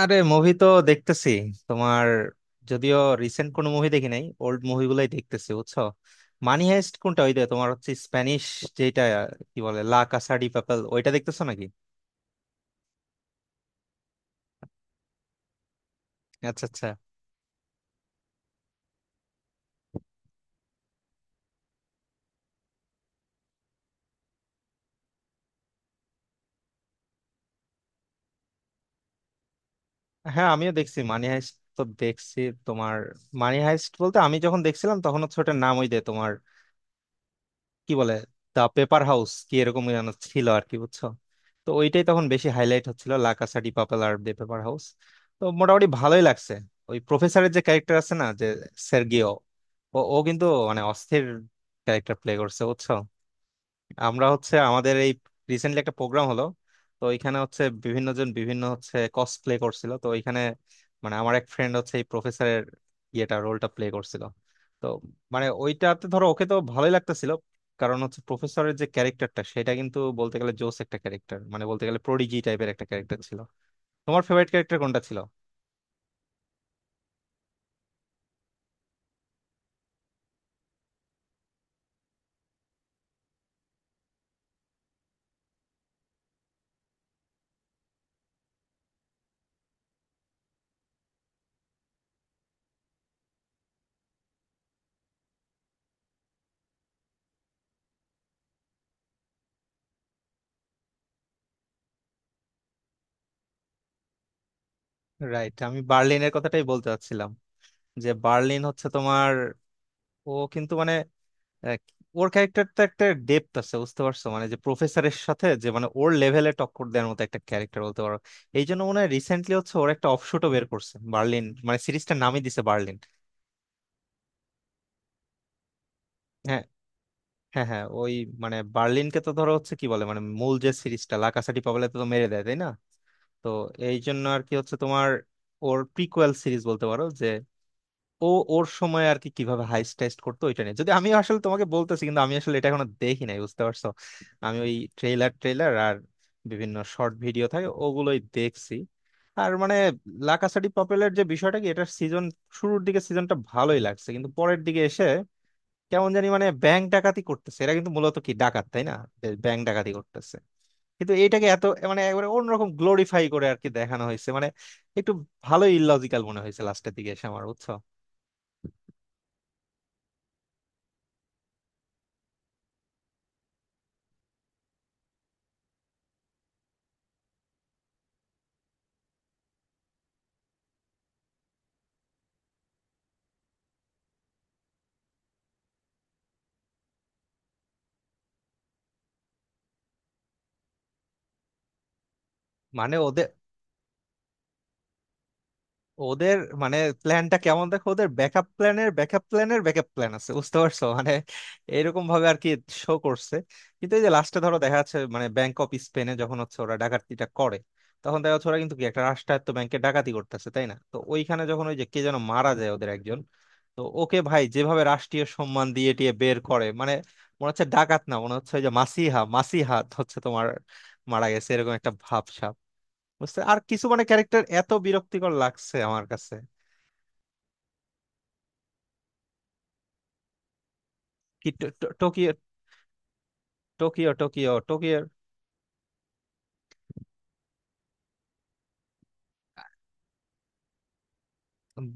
আরে মুভি তো দেখতেছি তোমার যদিও রিসেন্ট কোনো মুভি দেখি নাই ওল্ড মুভিগুলাই দেখতেছি বুঝছো। মানি হাইস্ট কোনটা ওই যে তোমার হচ্ছে স্প্যানিশ যেটা কি বলে লা কাসা ডি পাপেল ওইটা দেখতেছো নাকি? আচ্ছা আচ্ছা। হ্যাঁ আমিও দেখছি মানি হাইস্ট তো দেখছি তোমার। মানি হাইস্ট বলতে আমি যখন দেখছিলাম তখন হচ্ছে ওটার নাম ওই যে তোমার কি বলে দা পেপার হাউস কি এরকম যেন ছিল আর কি বুঝছো। তো ওইটাই তখন বেশি হাইলাইট হচ্ছিল, লা কাসা ডি পাপেল আর দ্য পেপার হাউস। তো মোটামুটি ভালোই লাগছে। ওই প্রফেসরের যে ক্যারেক্টার আছে না, যে সের্গিও, ও ও কিন্তু মানে অস্থির ক্যারেক্টার প্লে করছে বুঝছো। আমরা হচ্ছে আমাদের এই রিসেন্টলি একটা প্রোগ্রাম হলো, তো এখানে হচ্ছে বিভিন্ন জন বিভিন্ন হচ্ছে কসপ্লে করছিল তো এখানে মানে আমার এক ফ্রেন্ড হচ্ছে এই প্রফেসরের ইয়েটা রোলটা প্লে করছিল। তো মানে ওইটাতে ধরো ওকে তো ভালোই লাগতেছিল, কারণ হচ্ছে প্রফেসরের যে ক্যারেক্টারটা সেটা কিন্তু বলতে গেলে জোস একটা ক্যারেক্টার, মানে বলতে গেলে প্রোডিজি টাইপের একটা ক্যারেক্টার ছিল। তোমার ফেভারিট ক্যারেক্টার কোনটা ছিল? রাইট, আমি বার্লিনের কথাটাই বলতে চাচ্ছিলাম, যে বার্লিন হচ্ছে তোমার, ও কিন্তু মানে এক, ওর ক্যারেক্টারটা একটা ডেপথ আছে বুঝতে পারছো, মানে যে প্রফেসরের সাথে যে মানে ওর লেভেলে টক্কর দেওয়ার মতো একটা ক্যারেক্টার বলতে পারো। এই জন্য মনে হয় রিসেন্টলি হচ্ছে ওর একটা অফশুটও বের করছে, বার্লিন, মানে সিরিজটার নামই দিছে বার্লিন। হ্যাঁ হ্যাঁ হ্যাঁ ওই মানে বার্লিনকে তো ধরো হচ্ছে কি বলে মানে মূল যে সিরিজটা লা কাসা ডি পাবলাতে তো মেরে দেয় তাই না। তো এই জন্য আর কি হচ্ছে তোমার ওর প্রিকুয়েল সিরিজ বলতে পারো যে ও ওর সময় আর কি কিভাবে হাইস্ট টেস্ট করতো ওইটা নিয়ে, যদি আমি আসলে তোমাকে বলতেছি কিন্তু আমি আসলে এটা এখনো দেখি নাই বুঝতে পারছো। আমি ওই ট্রেলার ট্রেলার আর বিভিন্ন শর্ট ভিডিও থাকে ওগুলোই দেখছি। আর মানে লাকাসাডি পপুলার যে বিষয়টা কি, এটার সিজন শুরুর দিকে সিজনটা ভালোই লাগছে কিন্তু পরের দিকে এসে কেমন জানি মানে ব্যাংক ডাকাতি করতেছে এরা কিন্তু মূলত কি ডাকাত তাই না, ব্যাংক ডাকাতি করতেছে কিন্তু এইটাকে এত মানে একবারে অন্যরকম গ্লোরিফাই করে আর কি দেখানো হয়েছে মানে একটু ভালোই ইললজিক্যাল মনে হয়েছে লাস্টের দিকে এসে আমার বুঝছো। মানে ওদের ওদের মানে প্ল্যানটা কেমন দেখো, ওদের ব্যাকআপ প্ল্যানের ব্যাকআপ প্ল্যানের ব্যাকআপ প্ল্যান আছে বুঝতে পারছো, মানে এরকম ভাবে আর কি শো করছে। কিন্তু এই যে লাস্টে ধরো দেখা যাচ্ছে মানে ব্যাংক অফ স্পেনে যখন হচ্ছে ওরা ডাকাতিটা করে, তখন দেখা যাচ্ছে ওরা কিন্তু কি একটা রাষ্ট্রায়ত্ত ব্যাংকে ডাকাতি করতেছে তাই না। তো ওইখানে যখন ওই যে কে যেন মারা যায় ওদের একজন, তো ওকে ভাই যেভাবে রাষ্ট্রীয় সম্মান দিয়ে টিয়ে বের করে মানে মনে হচ্ছে ডাকাত না, মনে হচ্ছে ওই যে মাসিহা, মাসিহা হচ্ছে তোমার মারা গেছে এরকম একটা ভাব। বুঝতে আর কিছু মানে ক্যারেক্টার এত বিরক্তিকর লাগছে আমার কাছে। কি টো- টো- টোকিও। Tokyo Tokyo Tokyo. উম,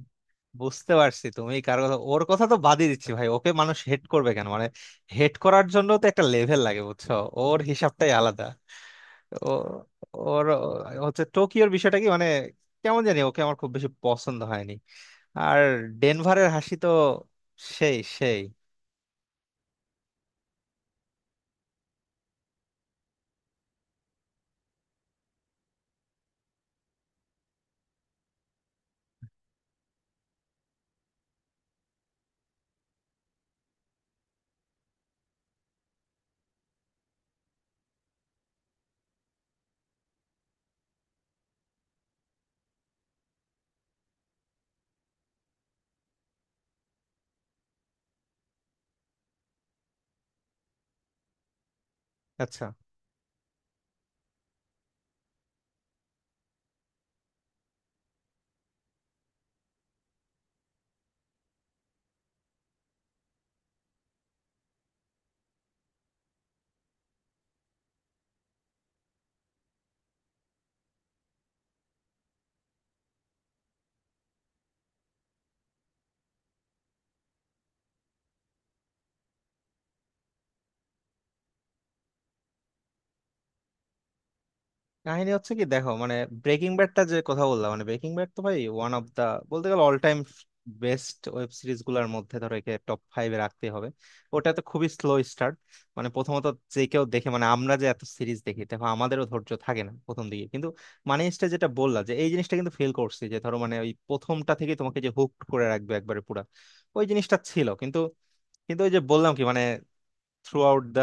বুঝতে পারছি তুমি কার কথা। ওর কথা তো বাদই দিচ্ছি ভাই, ওকে মানুষ হেড করবে কেন মানে হেড করার জন্য তো একটা লেভেল লাগে বুঝছো, ওর হিসাবটাই আলাদা। ও ওর হচ্ছে টোকিওর বিষয়টা কি মানে কেমন জানি ওকে আমার খুব বেশি পছন্দ হয়নি। আর ডেনভারের হাসি তো সেই সেই। আচ্ছা কাহিনী হচ্ছে কি দেখো মানে ব্রেকিং ব্যাডটা যে কথা বললাম মানে ব্রেকিং ব্যাড তো ভাই ওয়ান অফ দা বলতে গেলে all time best web series গুলার মধ্যে ধরো একে টপ ফাইভে রাখতে হবে। ওটা তো খুবই স্লো স্টার্ট, মানে প্রথমত যে কেউ দেখে মানে আমরা যে এত সিরিজ দেখি দেখো আমাদেরও ধৈর্য থাকে না প্রথম দিকে কিন্তু মানে স্টে যেটা বললাম যে এই জিনিসটা কিন্তু ফিল করছি যে ধরো মানে ওই প্রথমটা থেকে তোমাকে যে হুক করে রাখবে একবারে পুরা ওই জিনিসটা ছিল কিন্তু। কিন্তু ওই যে বললাম কি মানে থ্রু আউট দা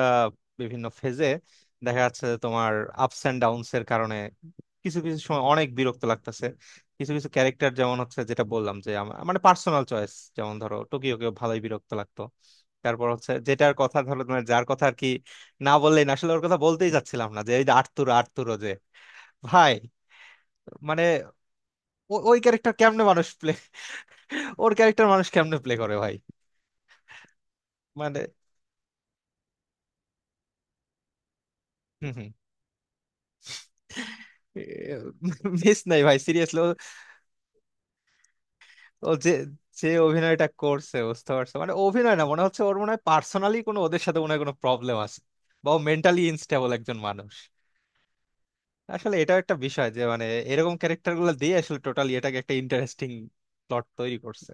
বিভিন্ন ফেজে দেখা যাচ্ছে যে তোমার আপস এন্ড ডাউনস এর কারণে কিছু কিছু সময় অনেক বিরক্ত লাগতেছে। কিছু কিছু ক্যারেক্টার যেমন হচ্ছে, যেটা বললাম যে আমার মানে পার্সোনাল চয়েস, যেমন ধরো টোকিওকেও ভালোই বিরক্ত লাগতো। তারপর হচ্ছে যেটার কথা ধরো তোমার যার কথা আর কি না বললেই না আসলে, ওর কথা বলতেই যাচ্ছিলাম না, যে এই যে আর্তুরো, আর্তুরো যে ভাই মানে ওই ক্যারেক্টার কেমনে মানুষ প্লে, ওর ক্যারেক্টার মানুষ কেমনে প্লে করে ভাই মানে। হম হম। মিস নাই ভাই সিরিয়াসলি। ও যে যে অভিনয়টা করছে বুঝতে পারছো মানে অভিনয় না মনে হচ্ছে ওর মনে হয় পার্সোনালি কোনো ওদের সাথে মনে হয় কোনো প্রবলেম আছে বা মেন্টালি ইনস্টেবল একজন মানুষ আসলে এটা একটা বিষয় যে মানে এরকম ক্যারেক্টার গুলো দিয়ে আসলে টোটালি এটাকে একটা ইন্টারেস্টিং প্লট তৈরি করছে।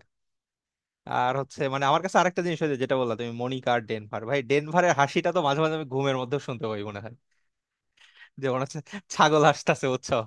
আর হচ্ছে মানে আমার কাছে আরেকটা জিনিস হয়েছে যেটা বললা তুমি মনিকা আর ডেনভার, ভাই ডেনভারের হাসিটা তো মাঝে মাঝে আমি ঘুমের মধ্যে শুনতে পাই মনে হয়, যে মনে হচ্ছে ছাগল হাসতাছে উৎসাহ।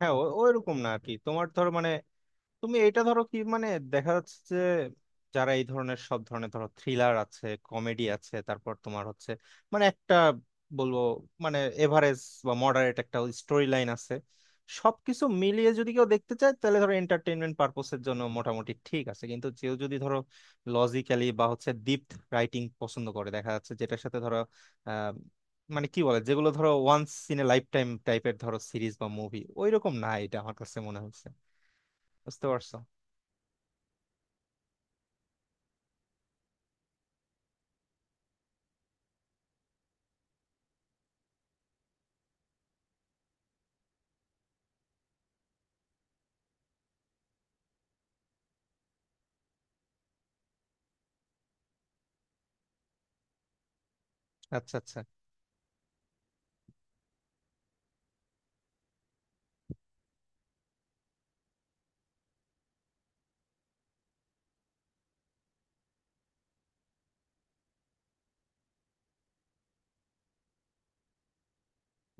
হ্যাঁ ওইরকম না আর কি তোমার ধরো মানে তুমি এটা ধরো কি মানে দেখা যাচ্ছে যে যারা এই ধরনের সব ধরনের ধরো থ্রিলার আছে কমেডি আছে তারপর তোমার হচ্ছে মানে একটা বলবো মানে এভারেজ বা মডারেট একটা স্টোরি লাইন আছে। সবকিছু মিলিয়ে যদি কেউ দেখতে চায় তাহলে ধরো এন্টারটেইনমেন্ট পারপোসের জন্য মোটামুটি ঠিক আছে, কিন্তু কেউ যদি ধরো লজিক্যালি বা হচ্ছে ডিপ রাইটিং পছন্দ করে দেখা যাচ্ছে যেটার সাথে ধরো আহ মানে কি বলে যেগুলো ধরো once in a lifetime টাইপের ধরো সিরিজ বা মুভি ওইরকম না, এটা আমার কাছে মনে হচ্ছে বুঝতে পারছো। আচ্ছা আচ্ছা।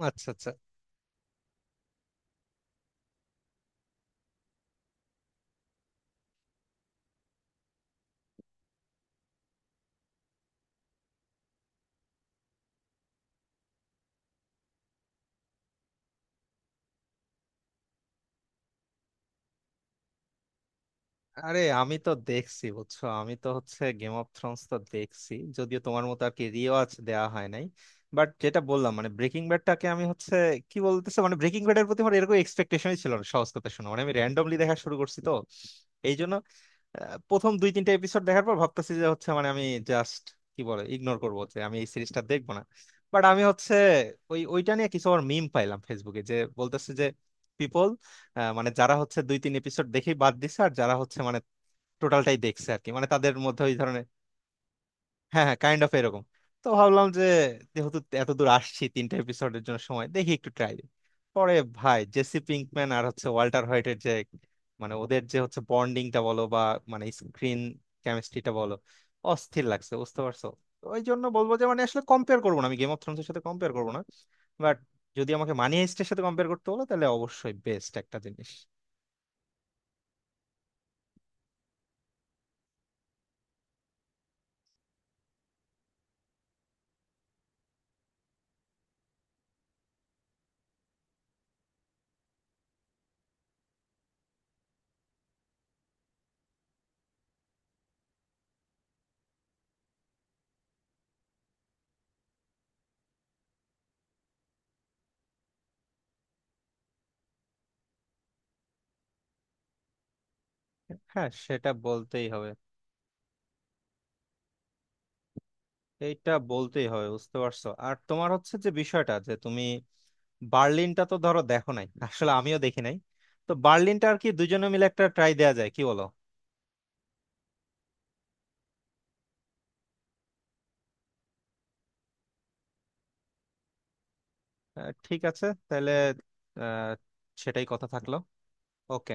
আচ্ছা আচ্ছা। আরে আমি তো দেখছি বুঝছো, আমি তো হচ্ছে গেম অফ থ্রোনস তো দেখছি যদিও তোমার মতো আর কি রিওয়াজ দেওয়া হয় নাই। বাট যেটা বললাম মানে ব্রেকিং ব্যাডটাকে আমি হচ্ছে কি বলতেছে মানে ব্রেকিং ব্যাডের প্রতি আমার এরকম এক্সপেকটেশনই ছিল না সহজ কথা শোনো মানে আমি র্যান্ডমলি দেখা শুরু করছি তো এই জন্য প্রথম দুই তিনটা এপিসোড দেখার পর ভাবতেছি যে হচ্ছে মানে আমি জাস্ট কি বলে ইগনোর করবো যে আমি এই সিরিজটা দেখবো না। বাট আমি হচ্ছে ওইটা নিয়ে কিছু আমার মিম পাইলাম ফেসবুকে যে বলতেছে যে পিপল মানে যারা হচ্ছে দুই তিন এপিসোড দেখেই বাদ দিছে আর যারা হচ্ছে মানে টোটালটাই দেখছে আর কি মানে তাদের মধ্যে ওই ধরনের। হ্যাঁ হ্যাঁ, কাইন্ড অফ এরকম। তো ভাবলাম যে যেহেতু এত দূর আসছি তিনটা এপিসোডের জন্য সময় দেখি একটু ট্রাই দিই, পরে ভাই জেসি পিঙ্কম্যান আর হচ্ছে ওয়াল্টার হোয়াইটের যে মানে ওদের যে হচ্ছে বন্ডিংটা বলো বা মানে স্ক্রিন কেমিস্ট্রিটা বলো অস্থির লাগছে বুঝতে পারছো। তো ওই জন্য বলবো যে মানে আসলে কম্পেয়ার করবো না, আমি গেম অফ থ্রোনস এর সাথে কম্পেয়ার করবো না, বাট যদি আমাকে মানি হাইস্টের সাথে কম্পেয়ার করতে হলো তাহলে অবশ্যই বেস্ট একটা জিনিস। হ্যাঁ সেটা বলতেই হবে। এইটা বলতেই হবে বুঝতে পারছো। আর তোমার হচ্ছে যে বিষয়টা যে তুমি বার্লিনটা তো ধরো দেখো নাই আসলে আমিও দেখি নাই। তো বার্লিনটা আর কি দুজনে মিলে একটা ট্রাই দেয়া যায় কি বলো? ঠিক আছে তাহলে। আহ, সেটাই কথা থাকলো। ওকে।